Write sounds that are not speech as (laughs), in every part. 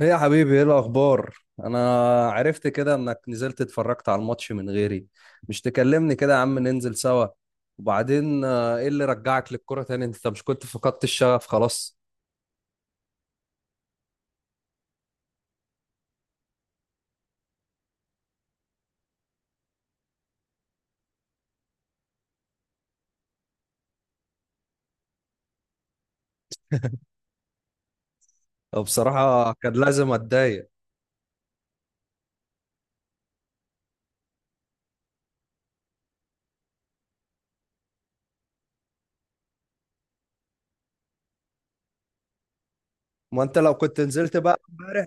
ايه يا حبيبي، ايه الاخبار؟ انا عرفت كده انك نزلت اتفرجت على الماتش من غيري. مش تكلمني كده يا عم، ننزل سوا. وبعدين ايه اللي رجعك للكرة تاني؟ انت مش كنت فقدت الشغف خلاص؟ أو بصراحة كان لازم اتضايق. ما انت لو كنت نزلت بقى امبارح.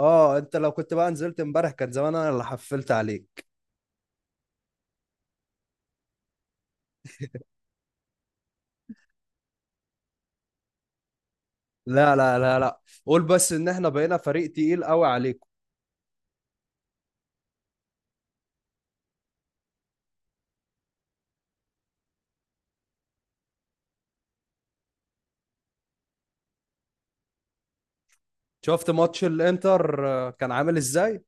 اه، انت لو كنت بقى نزلت امبارح كان زمان انا اللي حفلت عليك. لا لا لا لا، قول بس ان احنا بقينا فريق تقيل قوي عليكم. شفت ماتش الانتر كان عامل ازاي؟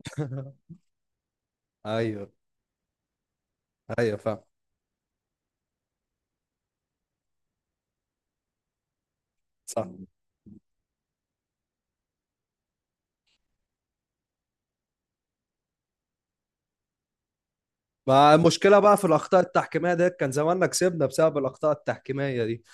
(laughs) ايوه. ايوه فاهم. صح. ما المشكلة بقى في الأخطاء التحكيمية ديت؟ كان زماننا كسبنا بسبب الأخطاء التحكيمية دي.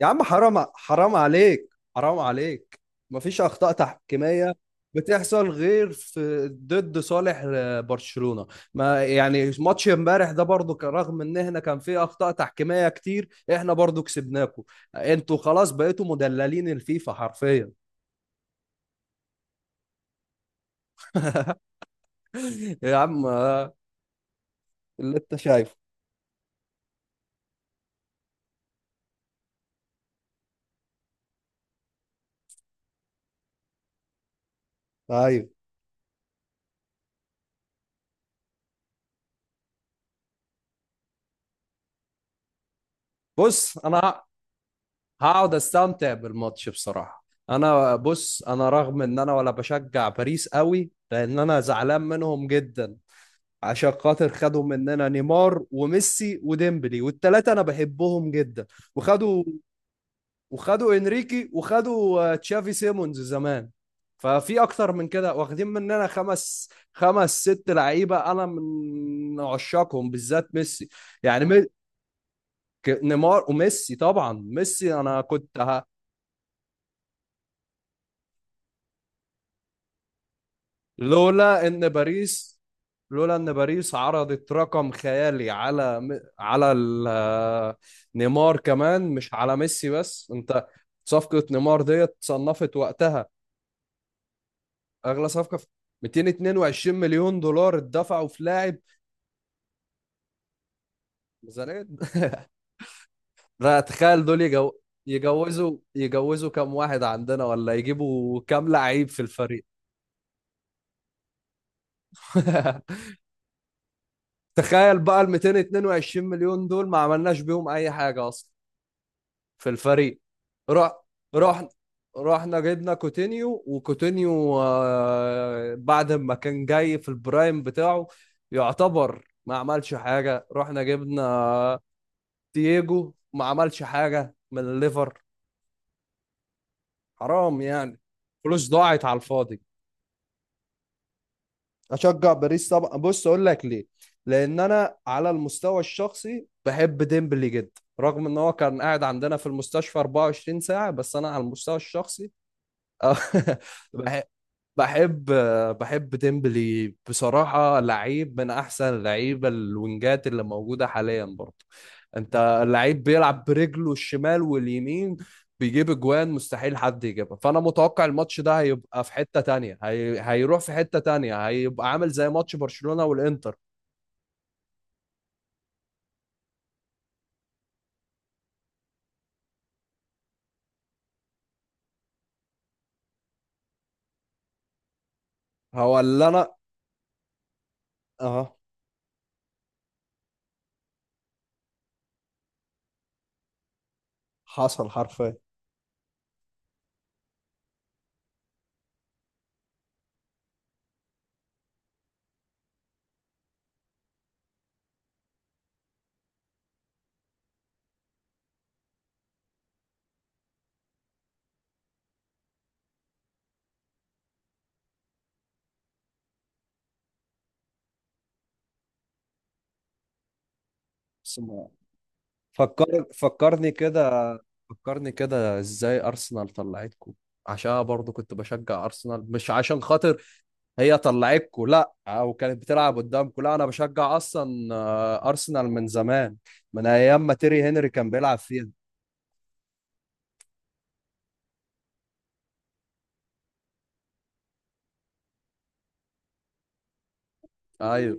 يا عم حرام، حرام عليك، حرام عليك. مفيش أخطاء تحكيمية بتحصل غير في ضد صالح برشلونة. ما يعني ماتش امبارح ده برضو كان رغم ان احنا كان فيه أخطاء تحكيمية كتير، احنا برضو كسبناكم. انتوا خلاص بقيتوا مدللين الفيفا حرفيا. يا عم اللي انت شايفه. طيب. بص انا هقعد استمتع بالماتش بصراحة. انا بص، انا رغم ان انا ولا بشجع باريس قوي لان انا زعلان منهم جدا. عشان خاطر خدوا مننا نيمار وميسي وديمبلي والتلاتة انا بحبهم جدا. وخدوا، وخدوا انريكي، وخدوا تشافي سيمونز زمان. ففي اكتر من كده واخدين مننا خمس، خمس ست لعيبة انا من عشاقهم بالذات ميسي. يعني نيمار وميسي، طبعا ميسي انا كنت لولا ان باريس، لولا ان باريس عرضت رقم خيالي على على نيمار كمان مش على ميسي بس انت. صفقة نيمار ديت صنفت وقتها اغلى صفقة في 222 مليون دولار اتدفعوا في لاعب. ميزانية (laughs) لا تخيل دول يجوزوا، يجوزوا كام واحد عندنا، ولا يجيبوا كام لعيب في الفريق. (laughs) تخيل بقى ال 222 مليون دول ما عملناش بيهم اي حاجة اصلا في الفريق. رح رحنا، رحنا جبنا كوتينيو، وكوتينيو بعد ما كان جاي في البرايم بتاعه يعتبر ما عملش حاجة. رحنا جبنا تييجو ما عملش حاجة من الليفر. حرام يعني، فلوس ضاعت على الفاضي. اشجع باريس طبعا. بص اقول لك ليه. لان انا على المستوى الشخصي بحب ديمبلي جدا رغم ان هو كان قاعد عندنا في المستشفى 24 ساعة، بس انا على المستوى الشخصي آه، (laughs) بح- بحب، بحب ديمبلي بصراحة. لعيب من أحسن اللعيبة الوينجات اللي موجودة حاليا برضه. أنت، اللعيب بيلعب برجله الشمال واليمين، بيجيب أجوان مستحيل حد يجيبها. فأنا متوقع الماتش ده هيبقى في حتة تانية، هيروح في حتة تانية، هيبقى ععامل زي ماتش برشلونة والإنتر. هو اللي أنا، أه حصل حرفيا. فكرني كده، فكرني كده ازاي ارسنال طلعتكم. عشان أنا برضو كنت بشجع ارسنال، مش عشان خاطر هي طلعتكم لا، او كانت بتلعب قدامكم لا، انا بشجع اصلا ارسنال من زمان، من ايام ما تيري هنري كان بيلعب فيها. ايوه.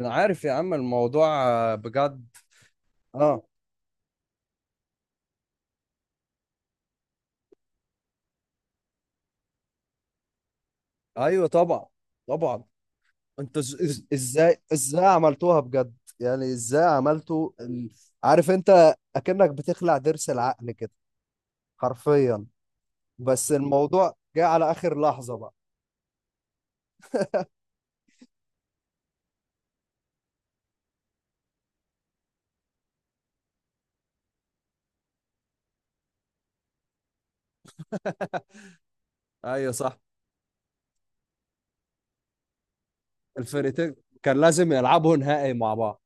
انا عارف يا عم الموضوع. بجد. اه. ايوه طبعا. طبعا. انتوا ازاي، ازاي عملتوها بجد؟ يعني ازاي عملتوا عارف انت اكنك بتخلع ضرس العقل كده حرفيا. بس الموضوع جه على اخر لحظة بقى. (laughs) ايوه صح. الفرقتين كان لازم يلعبوا نهائي مع بعض.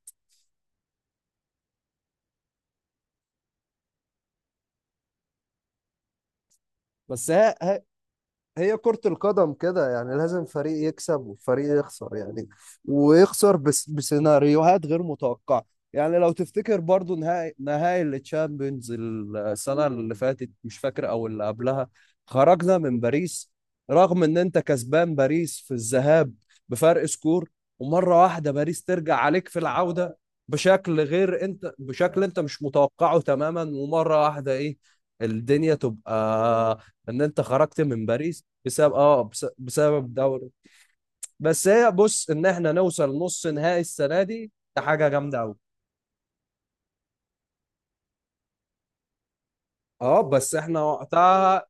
بس هي، هي كرة القدم كده يعني، لازم فريق يكسب وفريق يخسر يعني، ويخسر بس بسيناريوهات غير متوقعة. يعني لو تفتكر برضو نهائي، نهائي التشامبيونز السنة اللي فاتت، مش فاكر أو اللي قبلها، خرجنا من باريس رغم إن أنت كسبان باريس في الذهاب بفرق سكور، ومرة واحدة باريس ترجع عليك في العودة بشكل غير أنت، بشكل أنت مش متوقعه تماما، ومرة واحدة إيه الدنيا تبقى ان انت خرجت من باريس بسبب اه بسبب دوري. بس هي بص، ان احنا نوصل نص نهائي السنه دي ده حاجه جامده قوي. اه بس احنا وقتها،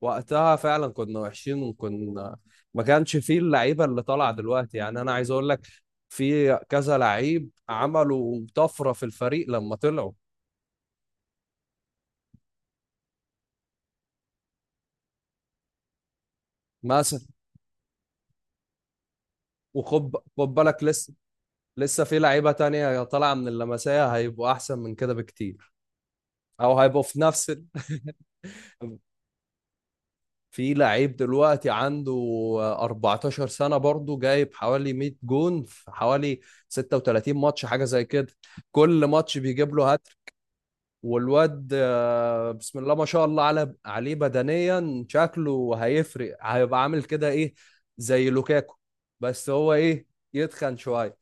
وقتها فعلا كنا وحشين، وكنا ما كانش فيه اللعيبه اللي طالعه دلوقتي. يعني انا عايز اقول لك في كذا لعيب عملوا طفره في الفريق لما طلعوا. مثلا وخد، خد بالك لسه، لسه في لعيبه تانية طالعه من اللمسيه هيبقوا احسن من كده بكتير، او هيبقوا في نفس في لعيب دلوقتي عنده 14 سنة برضه جايب حوالي 100 جون في حوالي 36 ماتش حاجة زي كده. كل ماتش بيجيب له هاتريك. والواد بسم الله ما شاء الله على عليه بدنيا شكله هيفرق، هيبقى عامل كده ايه، زي لوكاكو. بس هو ايه، يتخن شوية.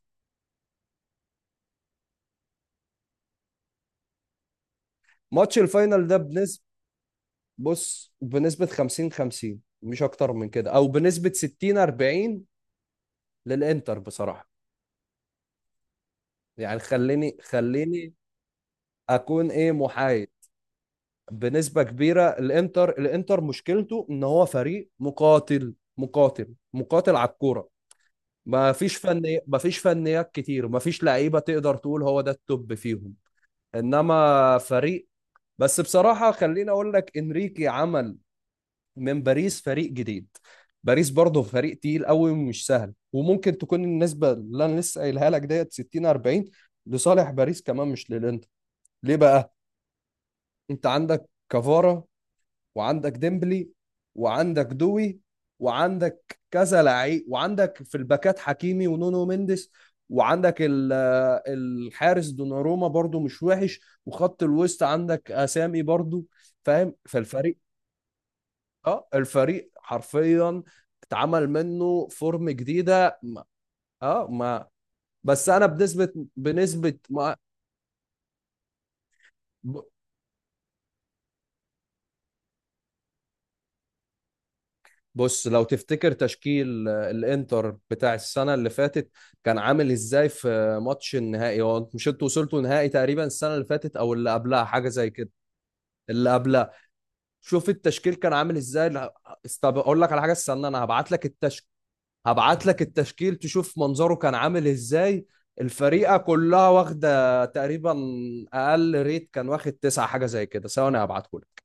ماتش الفاينل ده بنسبة، بص بنسبة 50 50 مش اكتر من كده، او بنسبة 60 40 للانتر بصراحة. يعني خليني، خليني اكون ايه محايد. بنسبه كبيره الانتر، الانتر مشكلته ان هو فريق مقاتل، مقاتل مقاتل على الكوره. ما فيش فني، ما فيش فنيات كتير، ما فيش لعيبه تقدر تقول هو ده التوب فيهم، انما فريق. بس بصراحه خليني اقول لك انريكي عمل من باريس فريق جديد. باريس برضه فريق تقيل قوي ومش سهل، وممكن تكون النسبه اللي انا لسه قايلها لك ديت 60 40 لصالح باريس كمان مش للانتر. ليه بقى؟ انت عندك كفارة، وعندك ديمبلي، وعندك دوي، وعندك كذا لعيب، وعندك في الباكات حكيمي ونونو مينديس، وعندك الحارس دوناروما برضو مش وحش، وخط الوسط عندك اسامي برضو فاهم. فالفريق، اه الفريق حرفيا اتعمل منه فورم جديده اه ما، بس انا بنسبه، بنسبه ما. بص لو تفتكر تشكيل الانتر بتاع السنة اللي فاتت كان عامل ازاي في ماتش النهائي، هو مش انتوا وصلتوا نهائي تقريبا السنة اللي فاتت او اللي قبلها حاجة زي كده؟ اللي قبلها. شوف التشكيل كان عامل ازاي. لا، اقول لك على حاجة، استنى انا هبعت لك التشكيل، هبعت لك التشكيل تشوف منظره كان عامل ازاي. الفريقة كلها واخدة تقريبا اقل ريت كان واخد تسعة حاجة زي كده. ثواني هبعته.